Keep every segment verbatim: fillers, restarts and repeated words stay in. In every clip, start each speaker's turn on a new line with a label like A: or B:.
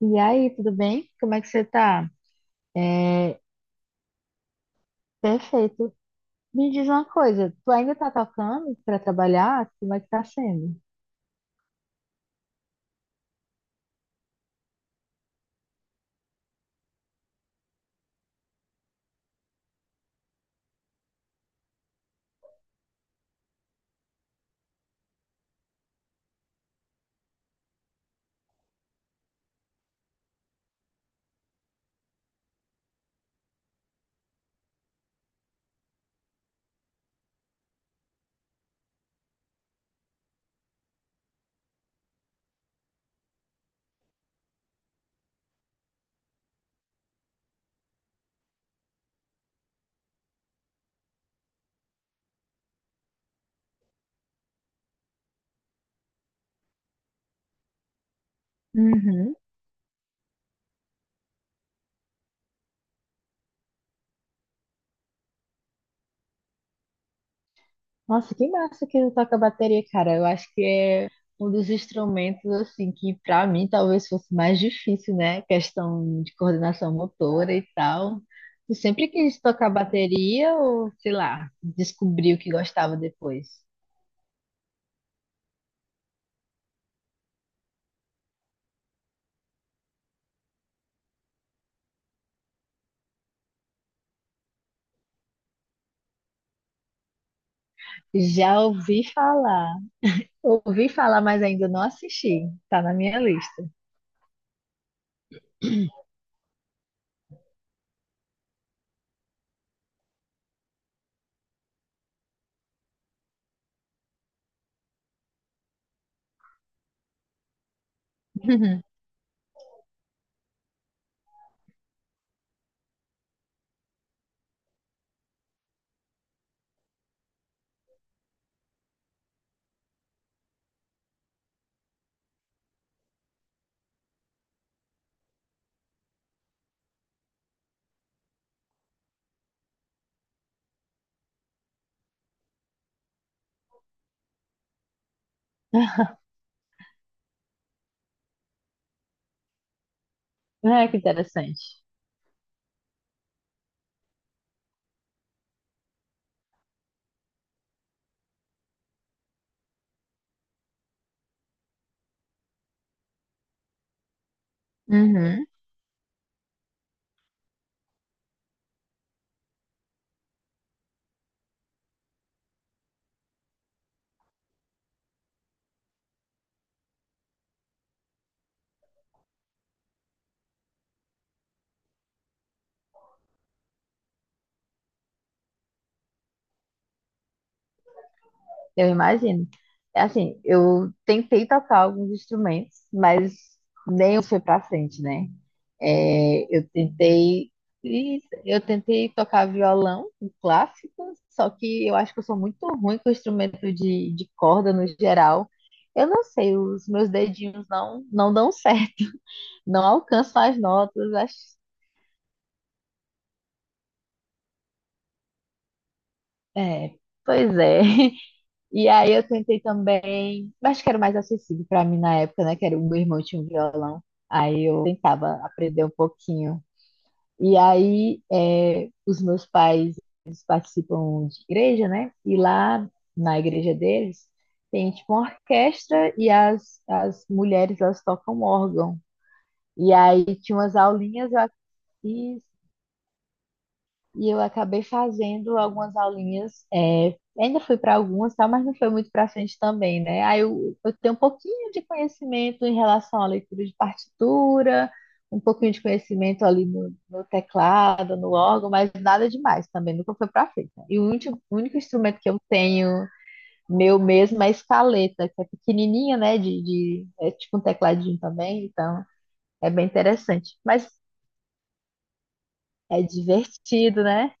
A: E aí, tudo bem? Como é que você tá? É, perfeito. Me diz uma coisa, tu ainda tá tocando pra trabalhar? Como é que tá sendo? Uhum. Nossa, que massa que tu toca bateria, cara. Eu acho que é um dos instrumentos, assim, que pra mim talvez fosse mais difícil, né? Questão de coordenação motora e tal. Tu sempre quis tocar bateria ou, sei lá, descobriu que gostava depois? Já ouvi falar. Ouvi falar, mas ainda não assisti. Tá na minha lista. É, que interessante. Uhum, eu imagino. É. Assim, eu tentei tocar alguns instrumentos, mas nem foi pra frente, né? É, eu tentei, e eu tentei tocar violão, um clássico, só que eu acho que eu sou muito ruim com instrumento de, de corda no geral. Eu não sei, os meus dedinhos não, não dão certo, não alcanço as notas, acho. É, pois é. E aí eu tentei também, mas que era mais acessível para mim na época, né? Que era o meu irmão tinha um violão. Aí eu tentava aprender um pouquinho. E aí é, os meus pais eles participam de igreja, né? E lá na igreja deles tem tipo uma orquestra e as, as mulheres elas tocam órgão. E aí tinha umas aulinhas, eu fiz e eu acabei fazendo algumas aulinhas, é, ainda fui para algumas, tá, mas não foi muito para frente também, né? Aí eu, eu tenho um pouquinho de conhecimento em relação à leitura de partitura, um pouquinho de conhecimento ali no, no teclado, no órgão, mas nada demais também, nunca foi para frente, né? E o único, o único instrumento que eu tenho meu mesmo é a escaleta, que é pequenininha, né? De, de, é tipo um tecladinho também, então é bem interessante. Mas é divertido, né?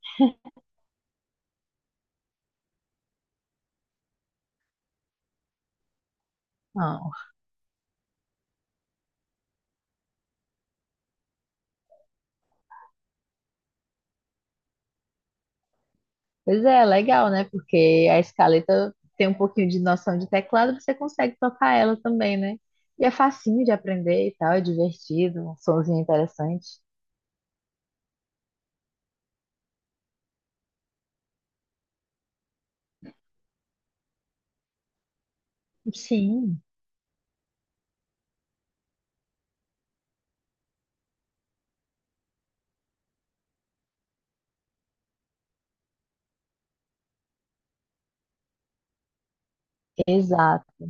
A: Pois é, legal, né? Porque a escaleta tem um pouquinho de noção de teclado, você consegue tocar ela também, né? E é facinho de aprender e tal, é divertido, um sonzinho interessante. Sim. Exato.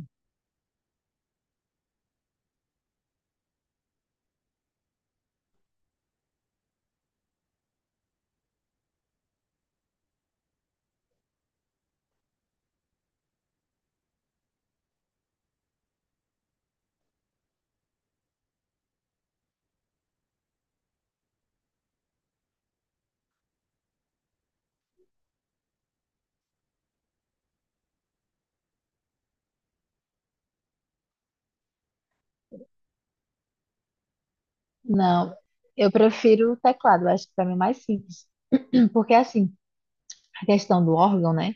A: Não, eu prefiro o teclado, eu acho que para mim é mais simples. Porque assim, a questão do órgão, né?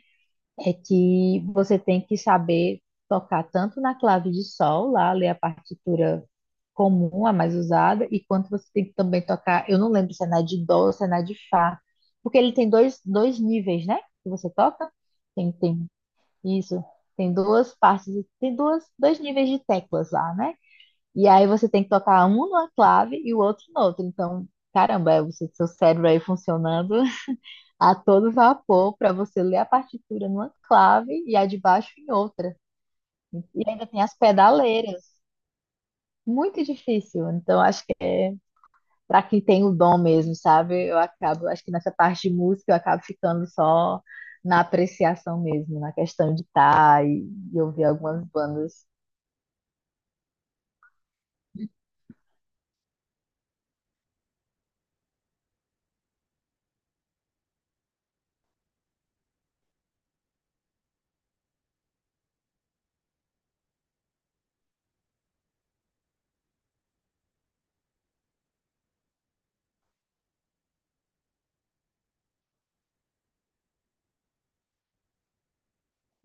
A: É que você tem que saber tocar tanto na clave de sol, lá, ler a partitura comum, a mais usada, e quanto você tem que também tocar, eu não lembro se é na de dó ou se é na de fá, porque ele tem dois, dois níveis, né, que você toca, tem, tem isso, tem duas partes, tem duas, dois níveis de teclas lá, né, e aí você tem que tocar um numa clave e o outro no outro então, caramba, é o seu cérebro aí funcionando a todo vapor para você ler a partitura numa clave e a de baixo em outra. E ainda tem as pedaleiras. Muito difícil. Então, acho que é para quem tem o dom mesmo, sabe? Eu acabo, acho que nessa parte de música eu acabo ficando só na apreciação mesmo, na questão de estar e, e ouvir algumas bandas.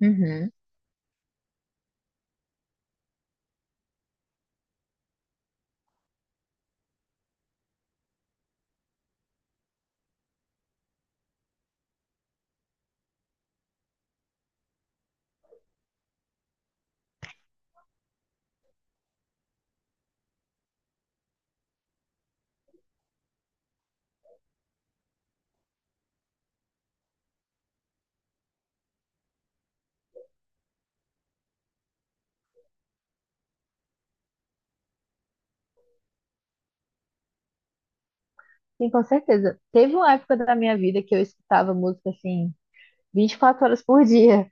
A: Uhum. Sim, com certeza. Teve uma época da minha vida que eu escutava música assim vinte e quatro horas por dia,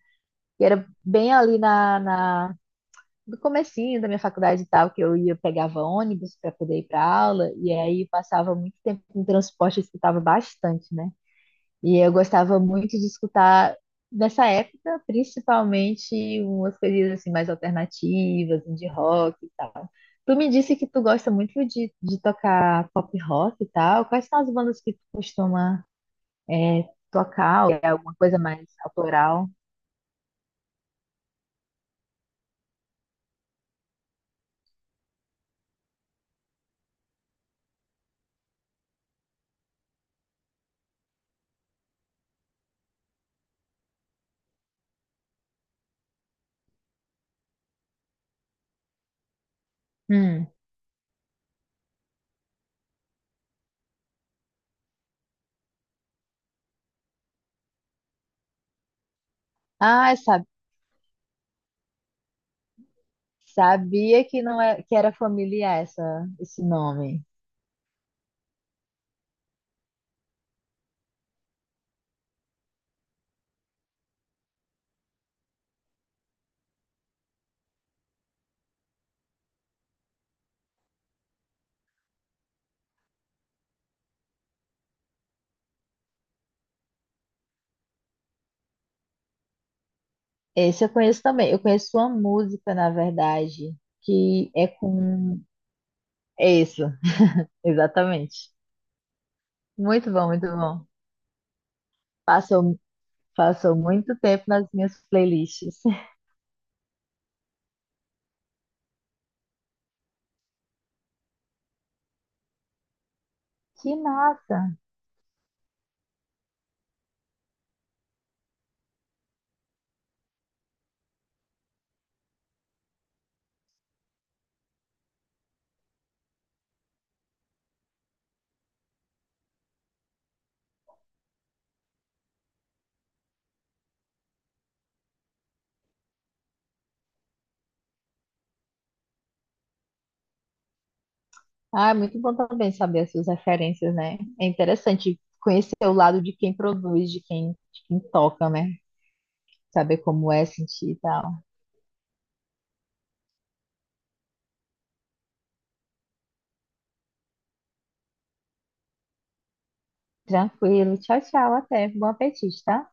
A: que era bem ali na, na, do comecinho da minha faculdade e tal, que eu ia, pegava ônibus para poder ir para aula, e aí passava muito tempo em transporte, eu escutava bastante, né? E eu gostava muito de escutar, nessa época, principalmente umas coisas assim mais alternativas, de rock e tal. Tu me disse que tu gosta muito de, de tocar pop rock e tal. Quais são as bandas que tu costuma é, tocar? Ou é alguma coisa mais autoral? Hum. Ah, essa. Sabia que não é, que era familiar essa, esse nome. Esse eu conheço também. Eu conheço uma música, na verdade, que é com. É isso, exatamente. Muito bom, muito bom. Passou, passou muito tempo nas minhas playlists. Que massa! Ah, é muito bom também saber as suas referências, né? É interessante conhecer o lado de quem produz, de quem, de quem toca, né? Saber como é sentir e tal. Tranquilo. Tchau, tchau. Até. Bom apetite, tá?